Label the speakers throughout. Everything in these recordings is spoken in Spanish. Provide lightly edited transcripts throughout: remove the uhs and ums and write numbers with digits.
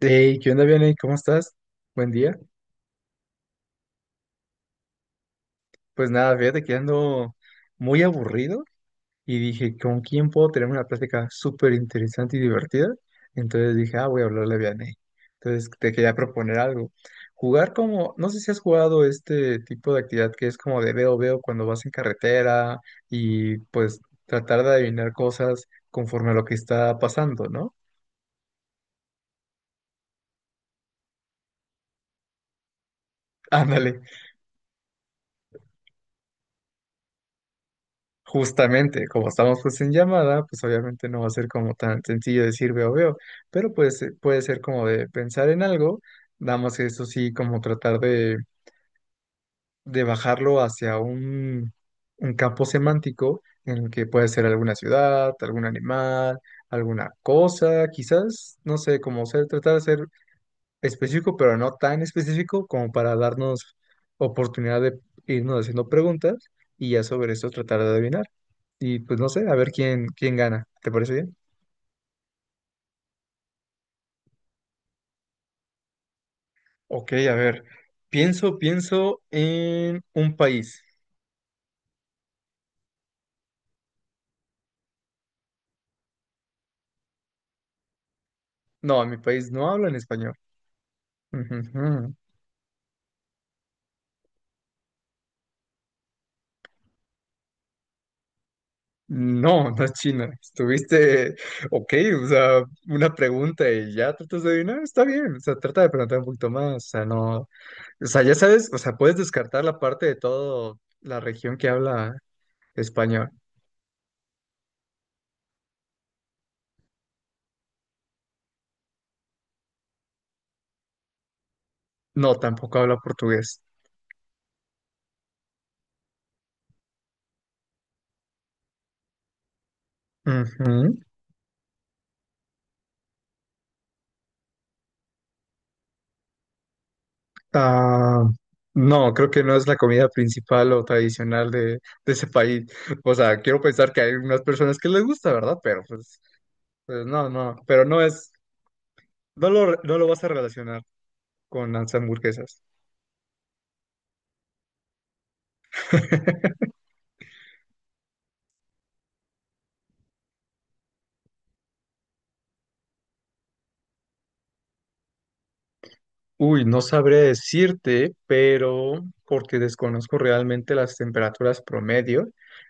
Speaker 1: Hey, ¿qué onda, Vianey? ¿Cómo estás? Buen día. Pues nada, fíjate que ando muy aburrido y dije, ¿con quién puedo tener una plática súper interesante y divertida? Entonces dije, ah, voy a hablarle a Vianey. Entonces te quería proponer algo. Jugar como, no sé si has jugado este tipo de actividad que es como de veo, veo cuando vas en carretera y pues tratar de adivinar cosas conforme a lo que está pasando, ¿no? Ándale. Justamente, como estamos pues en llamada, pues obviamente no va a ser como tan sencillo decir veo, veo, pero pues puede ser como de pensar en algo, nada más que eso sí, como tratar de bajarlo hacia un campo semántico en el que puede ser alguna ciudad, algún animal, alguna cosa, quizás, no sé, como ser, tratar de ser específico, pero no tan específico como para darnos oportunidad de irnos haciendo preguntas y ya sobre esto tratar de adivinar. Y pues no sé, a ver quién, quién gana. ¿Te parece bien? Ok, a ver, pienso, pienso en un país. No, en mi país no hablan español. Ujujú. No, no es China. Estuviste, ok, o sea, una pregunta y ya tratas de adivinar, está bien, o sea, trata de preguntar un poquito más, o sea, no. O sea, ya sabes, o sea, puedes descartar la parte de toda la región que habla español. No, tampoco habla portugués. Ujú. Ah, no, creo que no es la comida principal o tradicional de ese país. O sea, quiero pensar que hay unas personas que les gusta, ¿verdad? Pero pues, pues no, no, pero no es, no lo vas a relacionar con las hamburguesas. Uy, no sabré decirte, pero porque desconozco realmente las temperaturas promedio,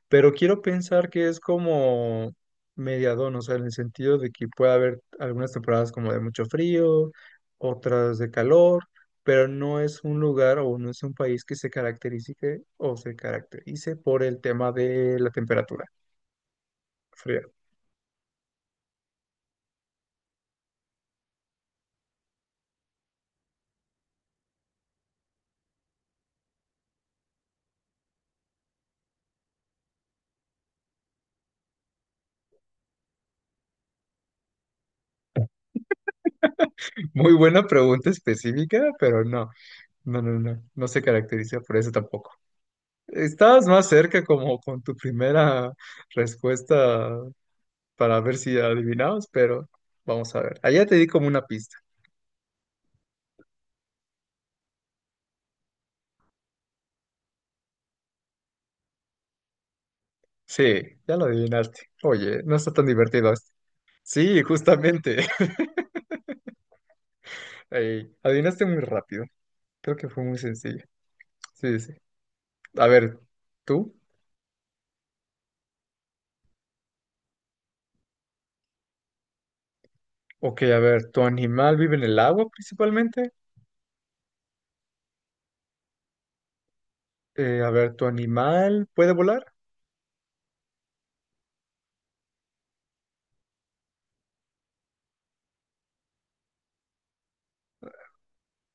Speaker 1: pero quiero pensar que es como mediadón, o sea, en el sentido de que puede haber algunas temporadas como de mucho frío, otras de calor, pero no es un lugar o no es un país que se caracterice o se caracterice por el tema de la temperatura fría. Muy buena pregunta específica, pero no, no, no, no, no se caracteriza por eso tampoco. Estabas más cerca como con tu primera respuesta para ver si adivinabas, pero vamos a ver. Allá te di como una pista. Sí, ya lo adivinaste. Oye, no está tan divertido esto. Sí, justamente. Ey, adivinaste muy rápido. Creo que fue muy sencillo. Sí, sí. A ver, ¿tú? Ok, a ver, ¿tu animal vive en el agua principalmente? A ver, ¿tu animal puede volar?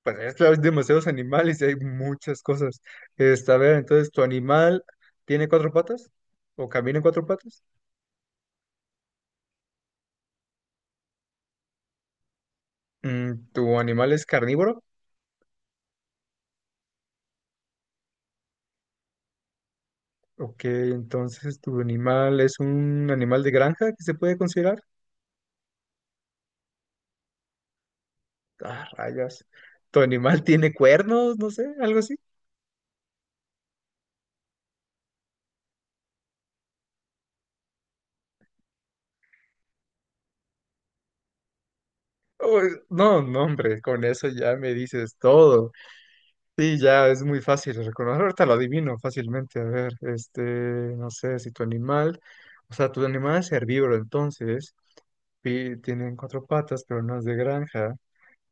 Speaker 1: Pues es que hay demasiados animales y hay muchas cosas. Esta, a ver, entonces, ¿tu animal tiene cuatro patas? ¿O camina en cuatro patas? Mm, ¿tu animal es carnívoro? Ok, entonces, ¿tu animal es un animal de granja que se puede considerar? Ah, rayas. ¿Tu animal tiene cuernos? No sé, algo así. Oh, no, no, hombre, con eso ya me dices todo. Sí, ya es muy fácil de reconocer. Ahorita lo adivino fácilmente. A ver, este, no sé si tu animal, o sea, tu animal es herbívoro, entonces, y tienen cuatro patas, pero no es de granja,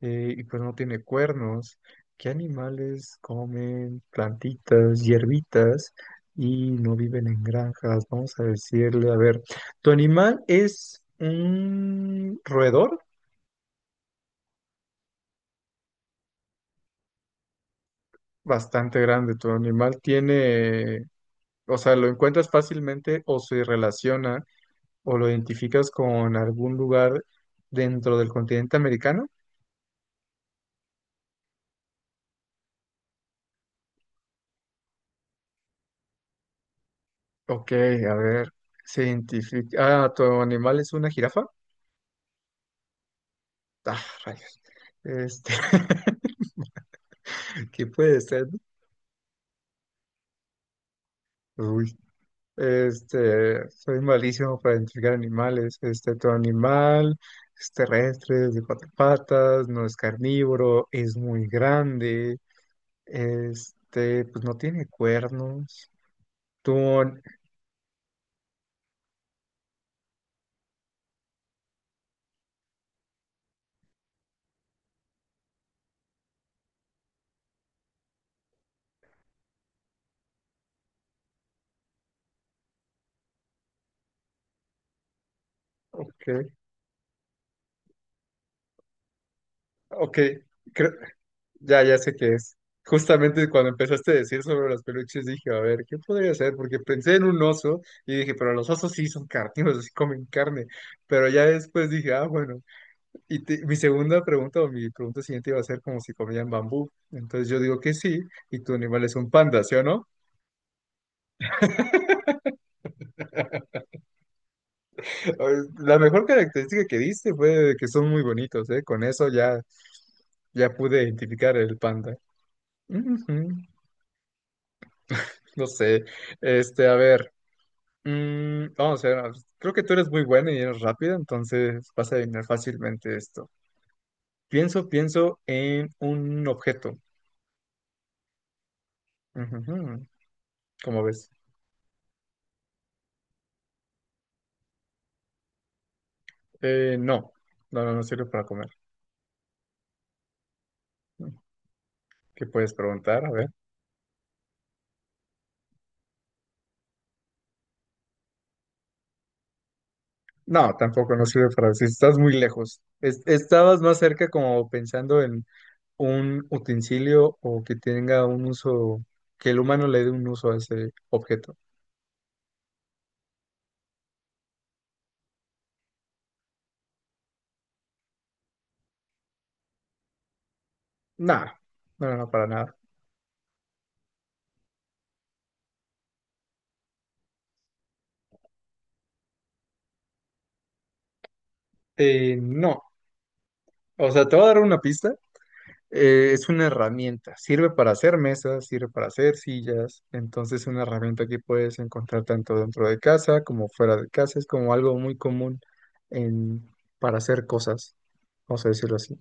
Speaker 1: y pues no tiene cuernos. ¿Qué animales comen plantitas, hierbitas y no viven en granjas? Vamos a decirle, a ver, tu animal es un roedor bastante grande. Tu animal tiene o sea, lo encuentras fácilmente o se relaciona o lo identificas con algún lugar dentro del continente americano. Ok, a ver, se identifica. Ah, tu animal es una jirafa. Ah, rayos. Este, ¿qué puede ser? Uy, este, soy malísimo para identificar animales. Este, tu animal es terrestre, es de cuatro patas, no es carnívoro, es muy grande. Este, pues no tiene cuernos. Tu, Ok, ok, creo- ya, ya sé qué es. Justamente cuando empezaste a decir sobre los peluches dije, a ver, ¿qué podría ser? Porque pensé en un oso y dije, pero los osos sí son carnívoros, sí comen carne. Pero ya después dije, ah, bueno. Y te- mi segunda pregunta o mi pregunta siguiente iba a ser como si comían bambú. Entonces yo digo que sí, y tu animal es un panda, ¿sí o no? La mejor característica que diste fue que son muy bonitos, ¿eh? Con eso ya, ya pude identificar el panda. Ujú. No sé. Este, a ver. Mm, vamos a ver. Creo que tú eres muy bueno y eres rápido, entonces vas a adivinar fácilmente esto. Pienso, pienso en un objeto. Ujujú, ¿cómo ves? No. No, no, no sirve para comer. ¿Qué puedes preguntar? A ver. No, tampoco no sirve para decir. Estás muy lejos. Es- estabas más cerca como pensando en un utensilio o que tenga un uso, que el humano le dé un uso a ese objeto. Nada. No, no, no, para nada. No, o sea, te voy a dar una pista. Es una herramienta, sirve para hacer mesas, sirve para hacer sillas, entonces es una herramienta que puedes encontrar tanto dentro de casa como fuera de casa, es como algo muy común en, para hacer cosas, vamos a decirlo así.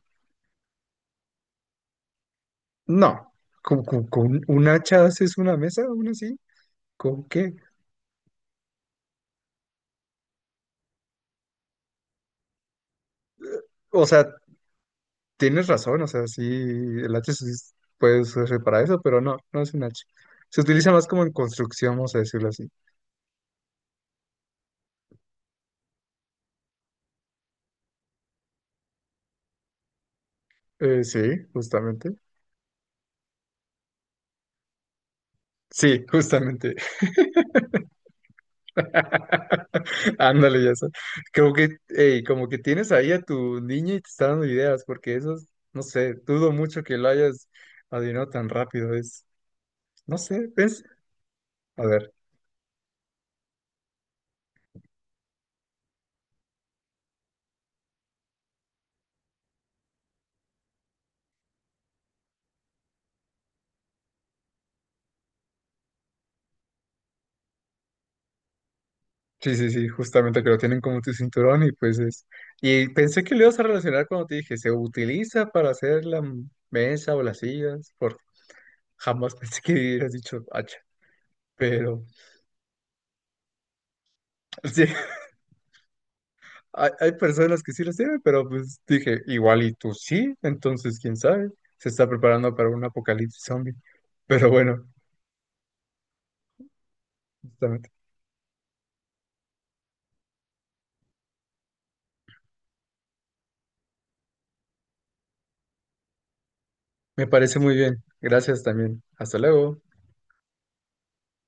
Speaker 1: No, con un hacha haces una mesa aún así? ¿Con qué? O sea, tienes razón, o sea, sí, el hacha sí es- puede ser para eso, pero no, no es un hacha. Se utiliza más como en construcción, vamos a decirlo así. Sí, justamente. Sí, justamente. Ándale, ya sé. Como que, ey, como que tienes ahí a tu niño y te está dando ideas, porque eso, es- no sé, dudo mucho que lo hayas adivinado tan rápido. Es, no sé, pens- A ver, sí, sí, sí, justamente que lo tienen como tu cinturón y pues es. Y pensé que lo ibas a relacionar cuando te dije, se utiliza para hacer la m- mesa o las sillas, por jamás pensé que hubieras dicho hacha, pero sí, hay personas que sí las tienen, pero pues dije, igual y tú sí, entonces quién sabe, se está preparando para un apocalipsis zombie. Pero bueno, justamente. Me parece muy bien. Gracias también. Hasta luego.